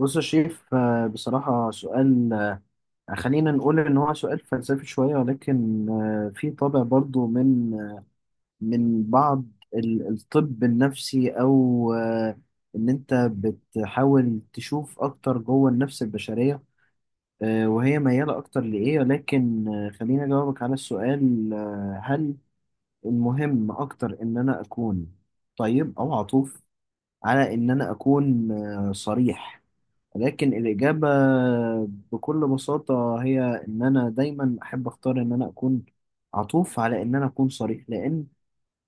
بص يا شريف، بصراحة سؤال خلينا نقول إن هو سؤال فلسفي شوية، ولكن في طابع برضو من بعض الطب النفسي، أو إن أنت بتحاول تشوف أكتر جوه النفس البشرية وهي ميالة أكتر لإيه. ولكن خليني أجاوبك على السؤال. هل المهم أكتر إن أنا أكون طيب أو عطوف على إن أنا أكون صريح؟ لكن الإجابة بكل بساطة هي إن أنا دايما أحب أختار إن أنا أكون عطوف على إن أنا أكون صريح، لأن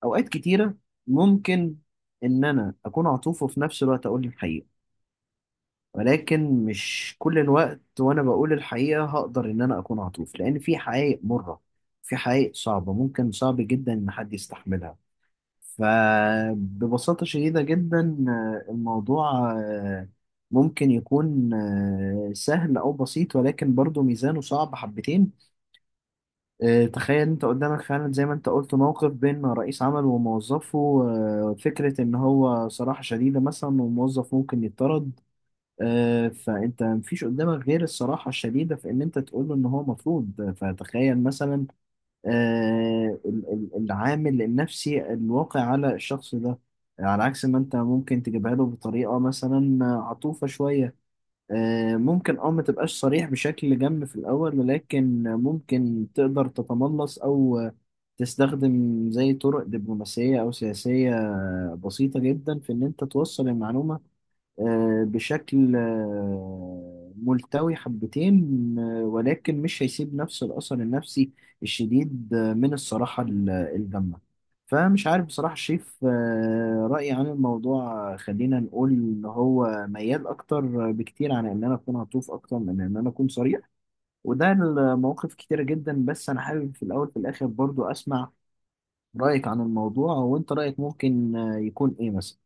أوقات كتيرة ممكن إن أنا أكون عطوف وفي نفس الوقت أقول الحقيقة، ولكن مش كل الوقت وأنا بقول الحقيقة هقدر إن أنا أكون عطوف، لأن في حقائق مرة، في حقائق صعبة ممكن صعب جدا إن حد يستحملها. فببساطة شديدة جدا الموضوع ممكن يكون سهل أو بسيط، ولكن برضه ميزانه صعب حبتين. تخيل أنت قدامك فعلا، زي ما أنت قلت، موقف بين رئيس عمل وموظفه. فكرة إن هو صراحة شديدة مثلا، وموظف ممكن يطرد، فأنت مفيش قدامك غير الصراحة الشديدة في إن أنت تقول له إن هو مطرود. فتخيل مثلا العامل النفسي الواقع على الشخص ده، على عكس ما انت ممكن تجيبها له بطريقة مثلا عطوفة شوية. ممكن ما تبقاش صريح بشكل جم في الأول، ولكن ممكن تقدر تتملص أو تستخدم زي طرق دبلوماسية أو سياسية بسيطة جدا في إن أنت توصل المعلومة بشكل ملتوي حبتين، ولكن مش هيسيب نفس الأثر النفسي الشديد من الصراحة الجامة. فمش عارف بصراحة، شايف رأيي عن الموضوع خلينا نقول إن هو ميال أكتر بكتير عن إن أنا أكون هطوف أكتر من إن أنا أكون صريح. وده المواقف كتيرة جدا، بس أنا حابب في الأول في الآخر برضو أسمع رأيك عن الموضوع. وأنت رأيك ممكن يكون إيه مثلا؟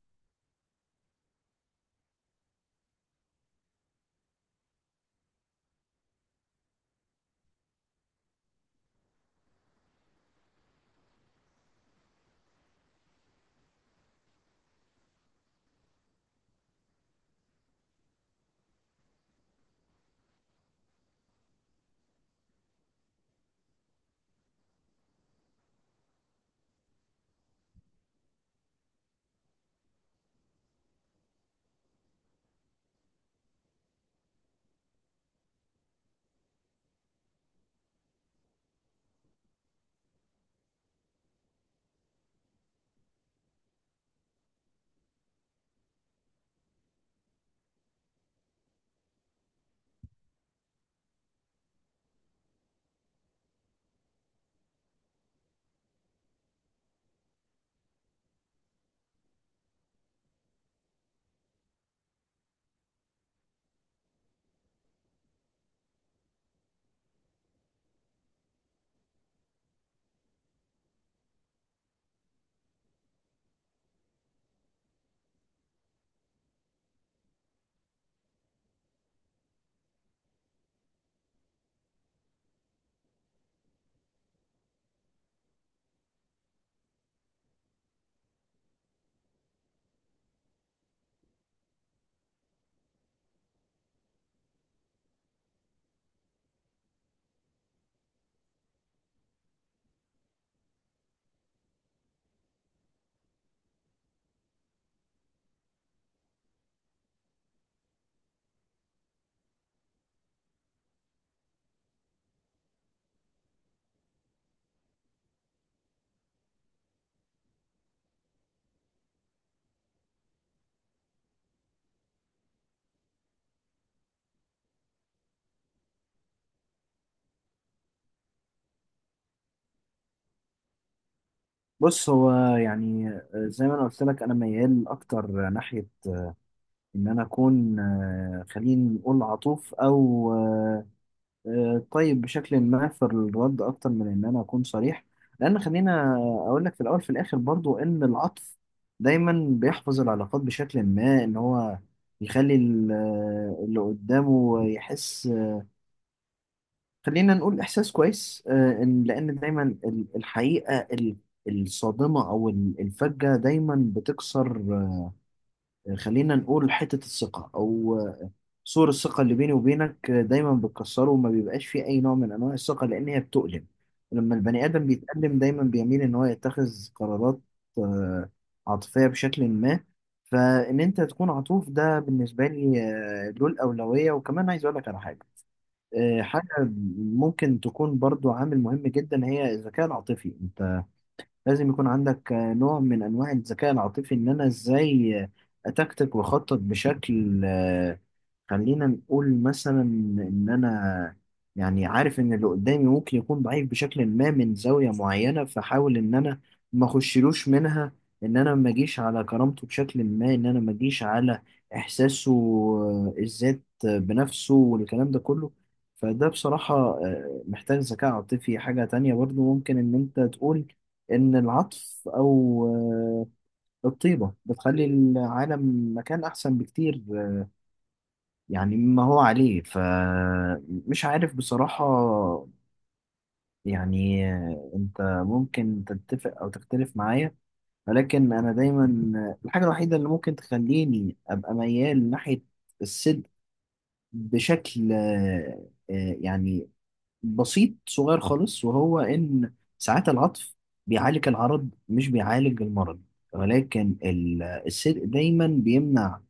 بص هو يعني زي ما انا قلت لك، انا ميال اكتر ناحيه ان انا اكون خلينا نقول عطوف، او طيب بشكل ما في الرد، اكتر من ان انا اكون صريح. لان خلينا اقول لك في الاول في الاخر برضو، ان العطف دايما بيحفظ العلاقات بشكل ما، ان هو يخلي اللي قدامه يحس، خلينا نقول، إحساس كويس. إن لأن دايما الحقيقة الصادمة أو الفجة دايما بتكسر خلينا نقول حتة الثقة أو سور الثقة اللي بيني وبينك. دايما بتكسره وما بيبقاش فيه أي نوع من أنواع الثقة، لأن هي بتؤلم. لما البني آدم بيتألم دايما بيميل إن هو يتخذ قرارات آه، عاطفية بشكل ما. فإن أنت تكون عطوف، ده بالنسبة لي له الأولوية. وكمان عايز أقول لك على حاجة، حاجة ممكن تكون برضو عامل مهم جدا، هي الذكاء العاطفي. انت لازم يكون عندك نوع من انواع الذكاء العاطفي، ان انا ازاي اتكتك واخطط بشكل خلينا نقول مثلا ان انا يعني عارف ان اللي قدامي ممكن يكون ضعيف بشكل ما من زاوية معينة، فحاول ان انا ما اخشلوش منها، ان انا ما اجيش على كرامته بشكل ما، ان انا ما اجيش على احساسه الذات بنفسه والكلام ده كله. فده بصراحة محتاج ذكاء عاطفي. حاجة تانية برضو ممكن ان انت تقول إن العطف أو الطيبة بتخلي العالم مكان أحسن بكتير يعني مما هو عليه. فمش عارف بصراحة، يعني أنت ممكن تتفق أو تختلف معايا، ولكن أنا دايما الحاجة الوحيدة اللي ممكن تخليني أبقى ميال ناحية الصدق بشكل يعني بسيط صغير خالص، وهو إن ساعات العطف بيعالج العرض مش بيعالج المرض، ولكن الصدق دايما بيمنع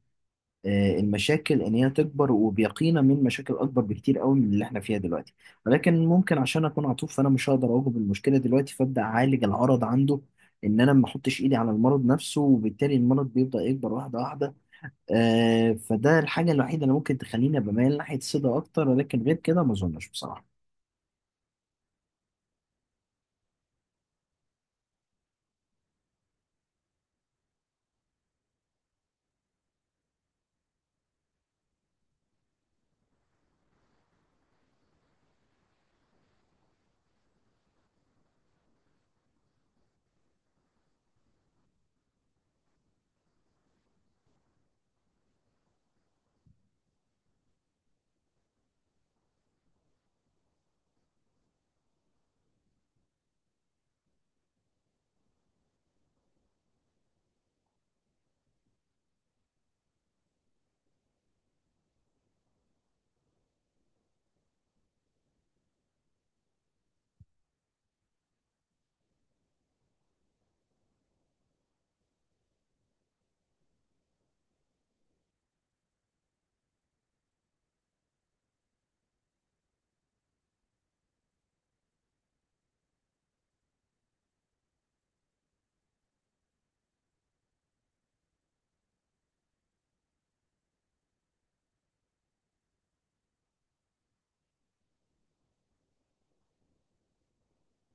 المشاكل إن هي تكبر، وبيقينا من مشاكل أكبر بكتير قوي من اللي إحنا فيها دلوقتي. ولكن ممكن عشان أكون عطوف، فأنا مش هقدر أواجه المشكلة دلوقتي، فأبدأ أعالج العرض عنده، إن أنا ما أحطش إيدي على المرض نفسه، وبالتالي المرض بيبدأ يكبر واحدة واحدة. فده الحاجة الوحيدة اللي ممكن تخليني بميل ناحية الصدق أكتر، ولكن غير كده ما أظنش بصراحة.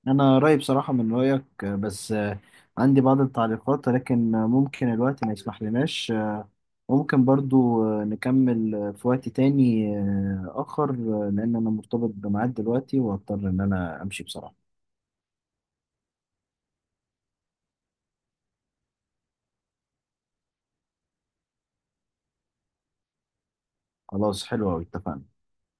انا رايي بصراحه من رايك، بس عندي بعض التعليقات، ولكن ممكن الوقت ما يسمح لناش. ممكن برضو نكمل في وقت تاني اخر، لان انا مرتبط بميعاد دلوقتي واضطر ان انا امشي بصراحه. خلاص، حلو أوي، اتفقنا.